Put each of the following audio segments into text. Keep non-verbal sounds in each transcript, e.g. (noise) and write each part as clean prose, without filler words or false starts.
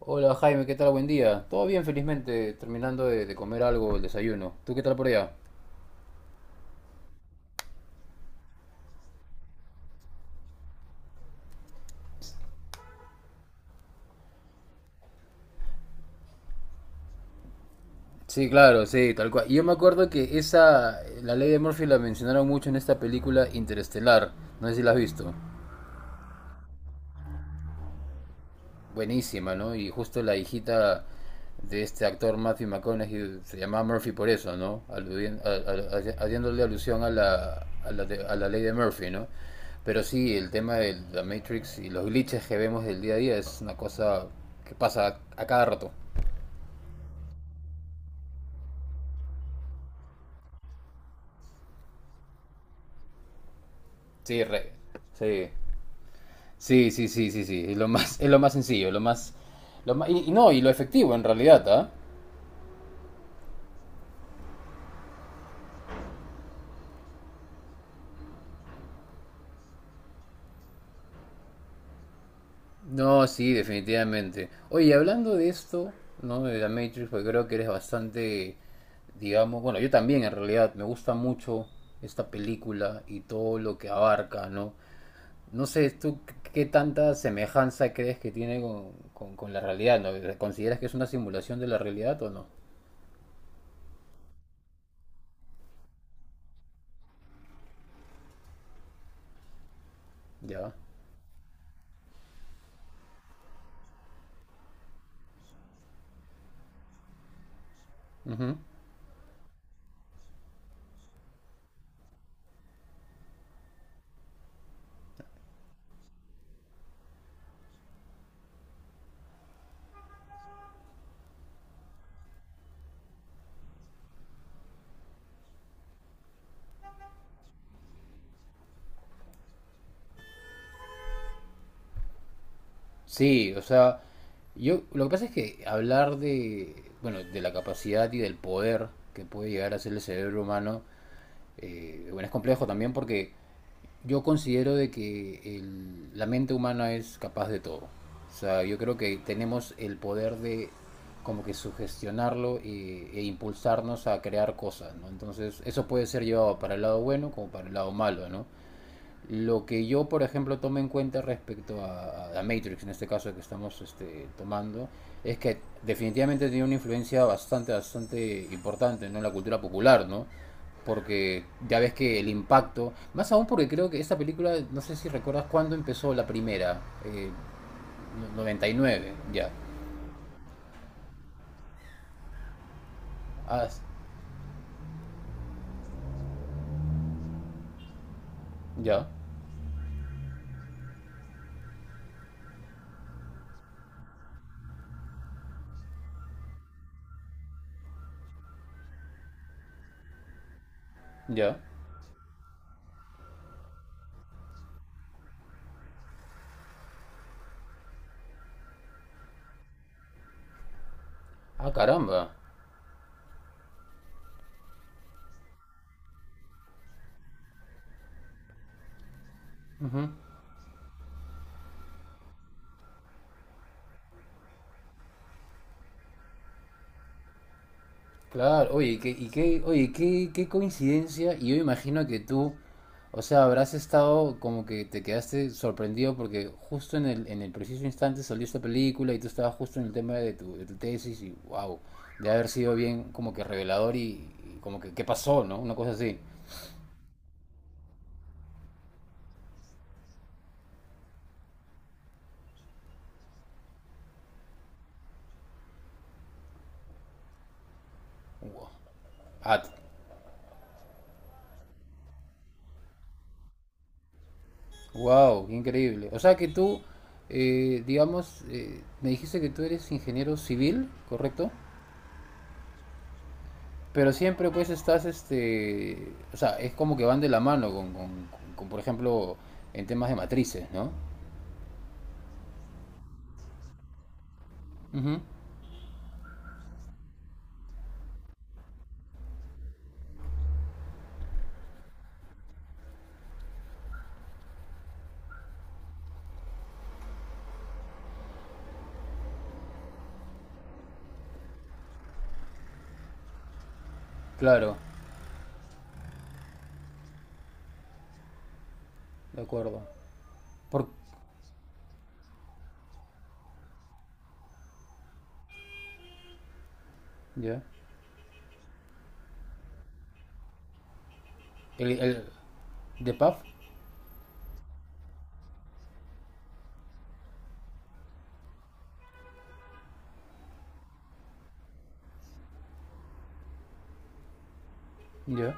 Hola Jaime, ¿qué tal? Buen día. Todo bien, felizmente, terminando de comer algo, el desayuno. ¿Tú qué tal por allá? Sí, claro, sí, tal cual. Y yo me acuerdo que esa, la ley de Murphy la mencionaron mucho en esta película Interestelar. No sé si la has visto. Buenísima, ¿no? Y justo la hijita de este actor Matthew McConaughey se llamaba Murphy por eso, ¿no? Haciéndole alusión a la ley de Murphy, ¿no? Pero sí, el tema de la Matrix y los glitches que vemos del día a día es una cosa que pasa a cada rato. Sí, re- sí. Sí. Es lo más sencillo, y no, y lo efectivo en realidad, ¿ah? No, sí, definitivamente. Oye, y hablando de esto, ¿no? De la Matrix, porque creo que eres bastante, digamos, bueno, yo también en realidad me gusta mucho esta película y todo lo que abarca, ¿no? No sé, ¿tú qué tanta semejanza crees que tiene con la realidad, ¿no? ¿Consideras que es una simulación de la realidad o no? Ya. Ujú. Sí, o sea, yo lo que pasa es que hablar de, bueno, de la capacidad y del poder que puede llegar a ser el cerebro humano. Bueno, es complejo también porque yo considero de que la mente humana es capaz de todo. O sea, yo creo que tenemos el poder de como que sugestionarlo e impulsarnos a crear cosas, ¿no? Entonces, eso puede ser llevado para el lado bueno como para el lado malo, ¿no? Lo que yo, por ejemplo, tomo en cuenta respecto a Matrix, en este caso que estamos este, tomando, es que definitivamente tiene una influencia bastante, bastante importante, ¿no? En la cultura popular, ¿no? Porque ya ves que el impacto, más aún porque creo que esta película, no sé si recuerdas cuándo empezó la primera, no, noventa y nueve ya. Ah, ya, ya. Ah, caramba. Ujú. Claro, oye, qué, y qué, oye, qué, qué coincidencia, y yo imagino que tú, o sea, habrás estado como que te quedaste sorprendido porque justo en el preciso instante salió esta película y tú estabas justo en el tema de tu tesis y wow, de haber sido bien como que revelador y como que qué pasó, ¿no? Una cosa así. Wow, ah, wow, qué increíble. O sea que tú, digamos, me dijiste que tú eres ingeniero civil, ¿correcto? Pero siempre pues estás, este, o sea, es como que van de la mano con, por ejemplo, en temas de matrices, ¿no? Ujú. Claro, de acuerdo. Por, ya. El, el, ¿De PAF? Ya.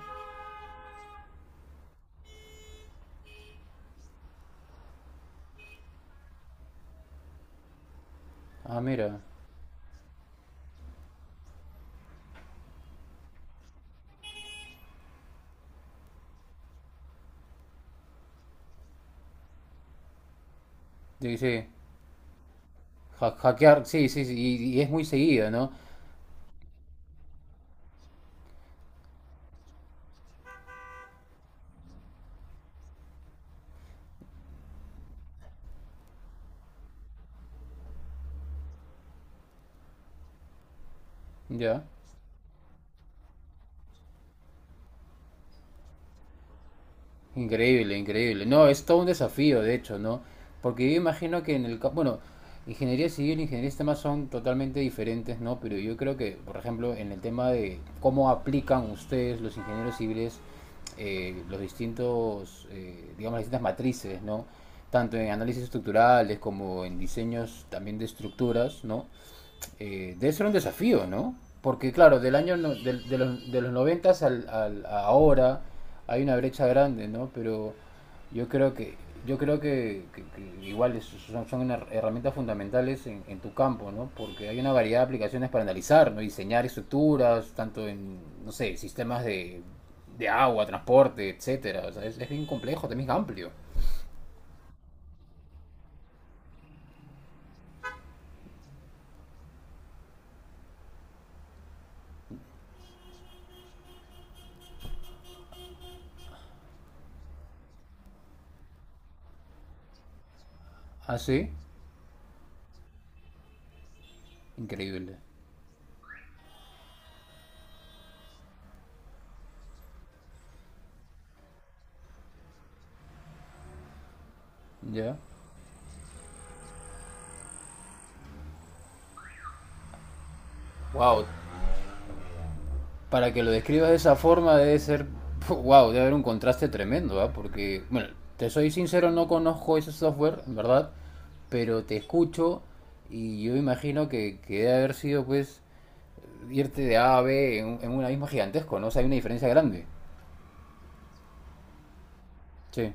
Ah, mira. Dice, hackear, sí, sí, sí, y es muy seguido, ¿no? Ya. Increíble, increíble. No, es todo un desafío, de hecho, ¿no? Porque yo imagino que en el campo, bueno, ingeniería civil e ingeniería de sistemas son totalmente diferentes, ¿no? Pero yo creo que, por ejemplo, en el tema de cómo aplican ustedes, los ingenieros civiles, los distintos, digamos, las distintas matrices, ¿no? Tanto en análisis estructurales como en diseños también de estructuras, ¿no? Debe ser un desafío, ¿no? Porque claro, del año no- del- de los noventas a ahora hay una brecha grande, ¿no? Pero yo creo que yo creo que, que igual son, son herramientas fundamentales en tu campo, ¿no? Porque hay una variedad de aplicaciones para analizar, ¿no? Diseñar estructuras, tanto en, no sé, sistemas de agua, transporte, etcétera. O sea, es bien complejo, también es amplio. Ah, sí. Increíble. Ya. Wow, para que lo describas de esa forma debe ser, wow, debe haber un contraste tremendo, ¿ah? Porque, bueno, te soy sincero, no conozco ese software, en verdad, pero te escucho y yo imagino que debe haber sido, pues, irte de A a B en una misma gigantesco, ¿no? O sea, hay una diferencia grande. Sí.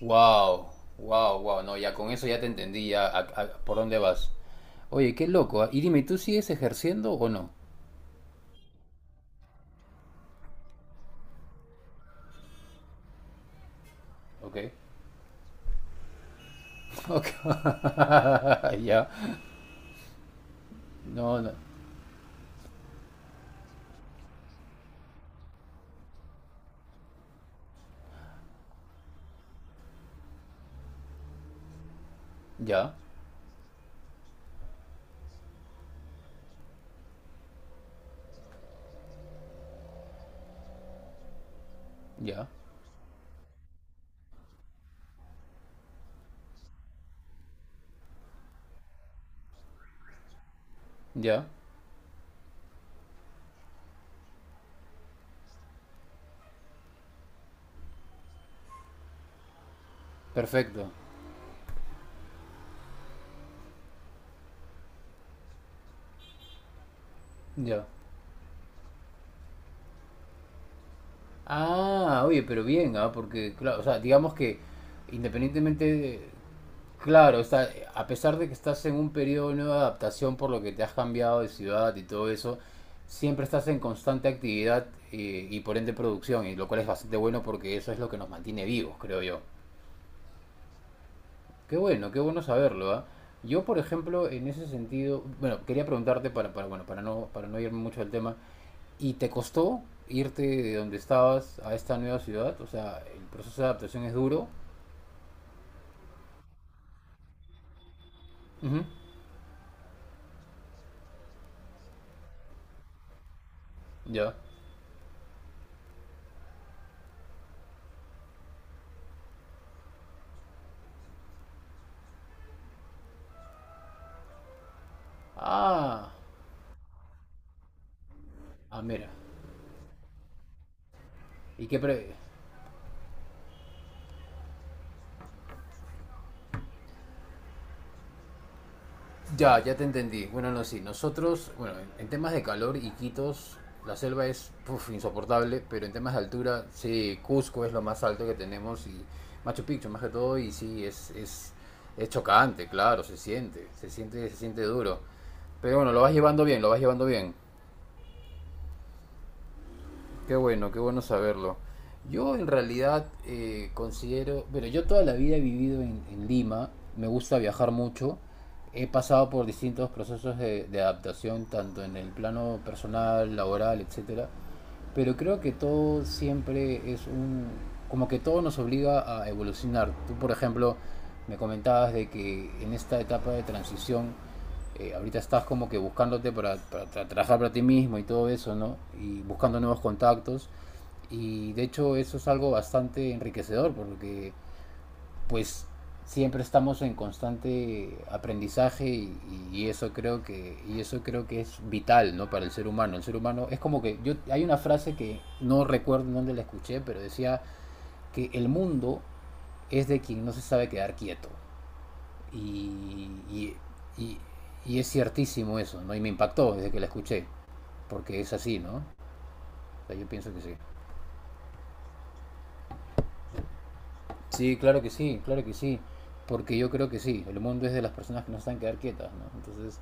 Wow, wow, wow, no, ya con eso ya te entendí, ya por dónde vas. Oye, qué loco, ¿ah? Y dime, ¿tú sigues ejerciendo o no? Ok. (laughs) Ok. (laughs) Ya. No, no. Ya, ya, ya. Perfecto, ya. Ah, oye, pero bien, ah, porque, claro, o sea, independientemente de- Claro, o sea, a pesar de que estás en un periodo de nueva adaptación por lo que te has cambiado de ciudad y todo eso, siempre estás en constante actividad y por ende producción, y lo cual es bastante bueno porque eso es lo que nos mantiene vivos, creo yo. Qué bueno saberlo, ¿ah? Yo, por ejemplo, en ese sentido, bueno, quería preguntarte bueno, para no irme mucho del tema, ¿y te costó irte de donde estabas a esta nueva ciudad? O sea, el proceso de adaptación es duro. Ujú. Ya. Ah, ah, mira. ¿Y qué pre... Ya, ya te entendí. Bueno, no, sí. Nosotros, bueno, en temas de calor, Iquitos, la selva es puf, insoportable, pero en temas de altura, sí, Cusco es lo más alto que tenemos y Machu Picchu más que todo, y sí, es chocante, claro, se siente, se siente, se siente duro. Pero bueno, lo vas llevando bien, lo vas llevando bien. Qué bueno saberlo. Yo en realidad considero, pero yo toda la vida he vivido en Lima, me gusta viajar mucho, he pasado por distintos procesos de adaptación, tanto en el plano personal, laboral, etcétera, pero creo que todo siempre es un, como que todo nos obliga a evolucionar. Tú, por ejemplo, me comentabas de que en esta etapa de transición ahorita estás como que buscándote para trabajar para ti mismo y todo eso, ¿no? Y buscando nuevos contactos. Y de hecho eso es algo bastante enriquecedor porque pues siempre estamos en constante aprendizaje y, y eso creo que es vital, no, para el ser humano. El ser humano es como que yo, hay una frase que no recuerdo dónde la escuché, pero decía que el mundo es de quien no se sabe quedar quieto y, y, y, y es ciertísimo eso, ¿no? Y me impactó desde que la escuché, porque es así, ¿no? O sea, yo pienso que sí. Sí, claro que sí, claro que sí, porque yo creo que sí, el mundo es de las personas que no están quedar quietas, ¿no? Entonces,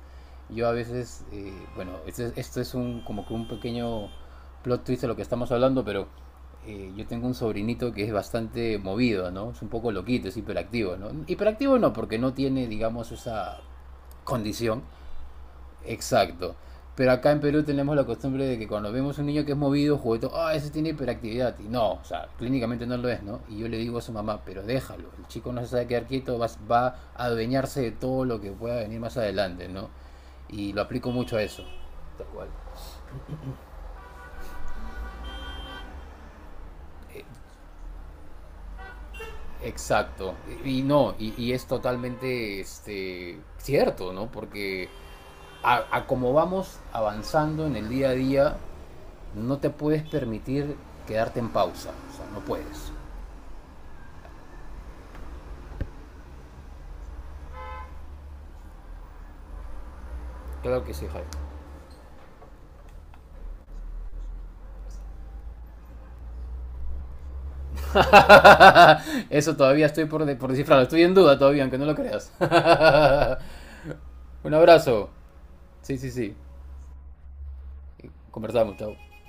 yo a veces, bueno, esto es un, como que un pequeño plot twist de lo que estamos hablando, pero yo tengo un sobrinito que es bastante movido, ¿no? Es un poco loquito, es hiperactivo, ¿no? Hiperactivo no, porque no tiene, digamos, esa condición. Exacto. Pero acá en Perú tenemos la costumbre de que cuando vemos un niño que es movido, juguetón, ah, ese tiene hiperactividad. Y no, o sea, clínicamente no lo es, ¿no? Y yo le digo a su mamá, pero déjalo, el chico no se sabe quedar quieto, va, va a adueñarse de todo lo que pueda venir más adelante, ¿no? Y lo aplico mucho a eso. Tal cual. Exacto. Y no, y es totalmente este, cierto, ¿no? Porque a como vamos avanzando en el día a día, no te puedes permitir quedarte en pausa, o sea, no puedes. Claro que sí, Javi. (laughs) Eso todavía estoy por, por descifrarlo. Estoy en duda todavía, aunque no lo creas. (laughs) Un abrazo. Sí, sí, sí. Conversamos, chao.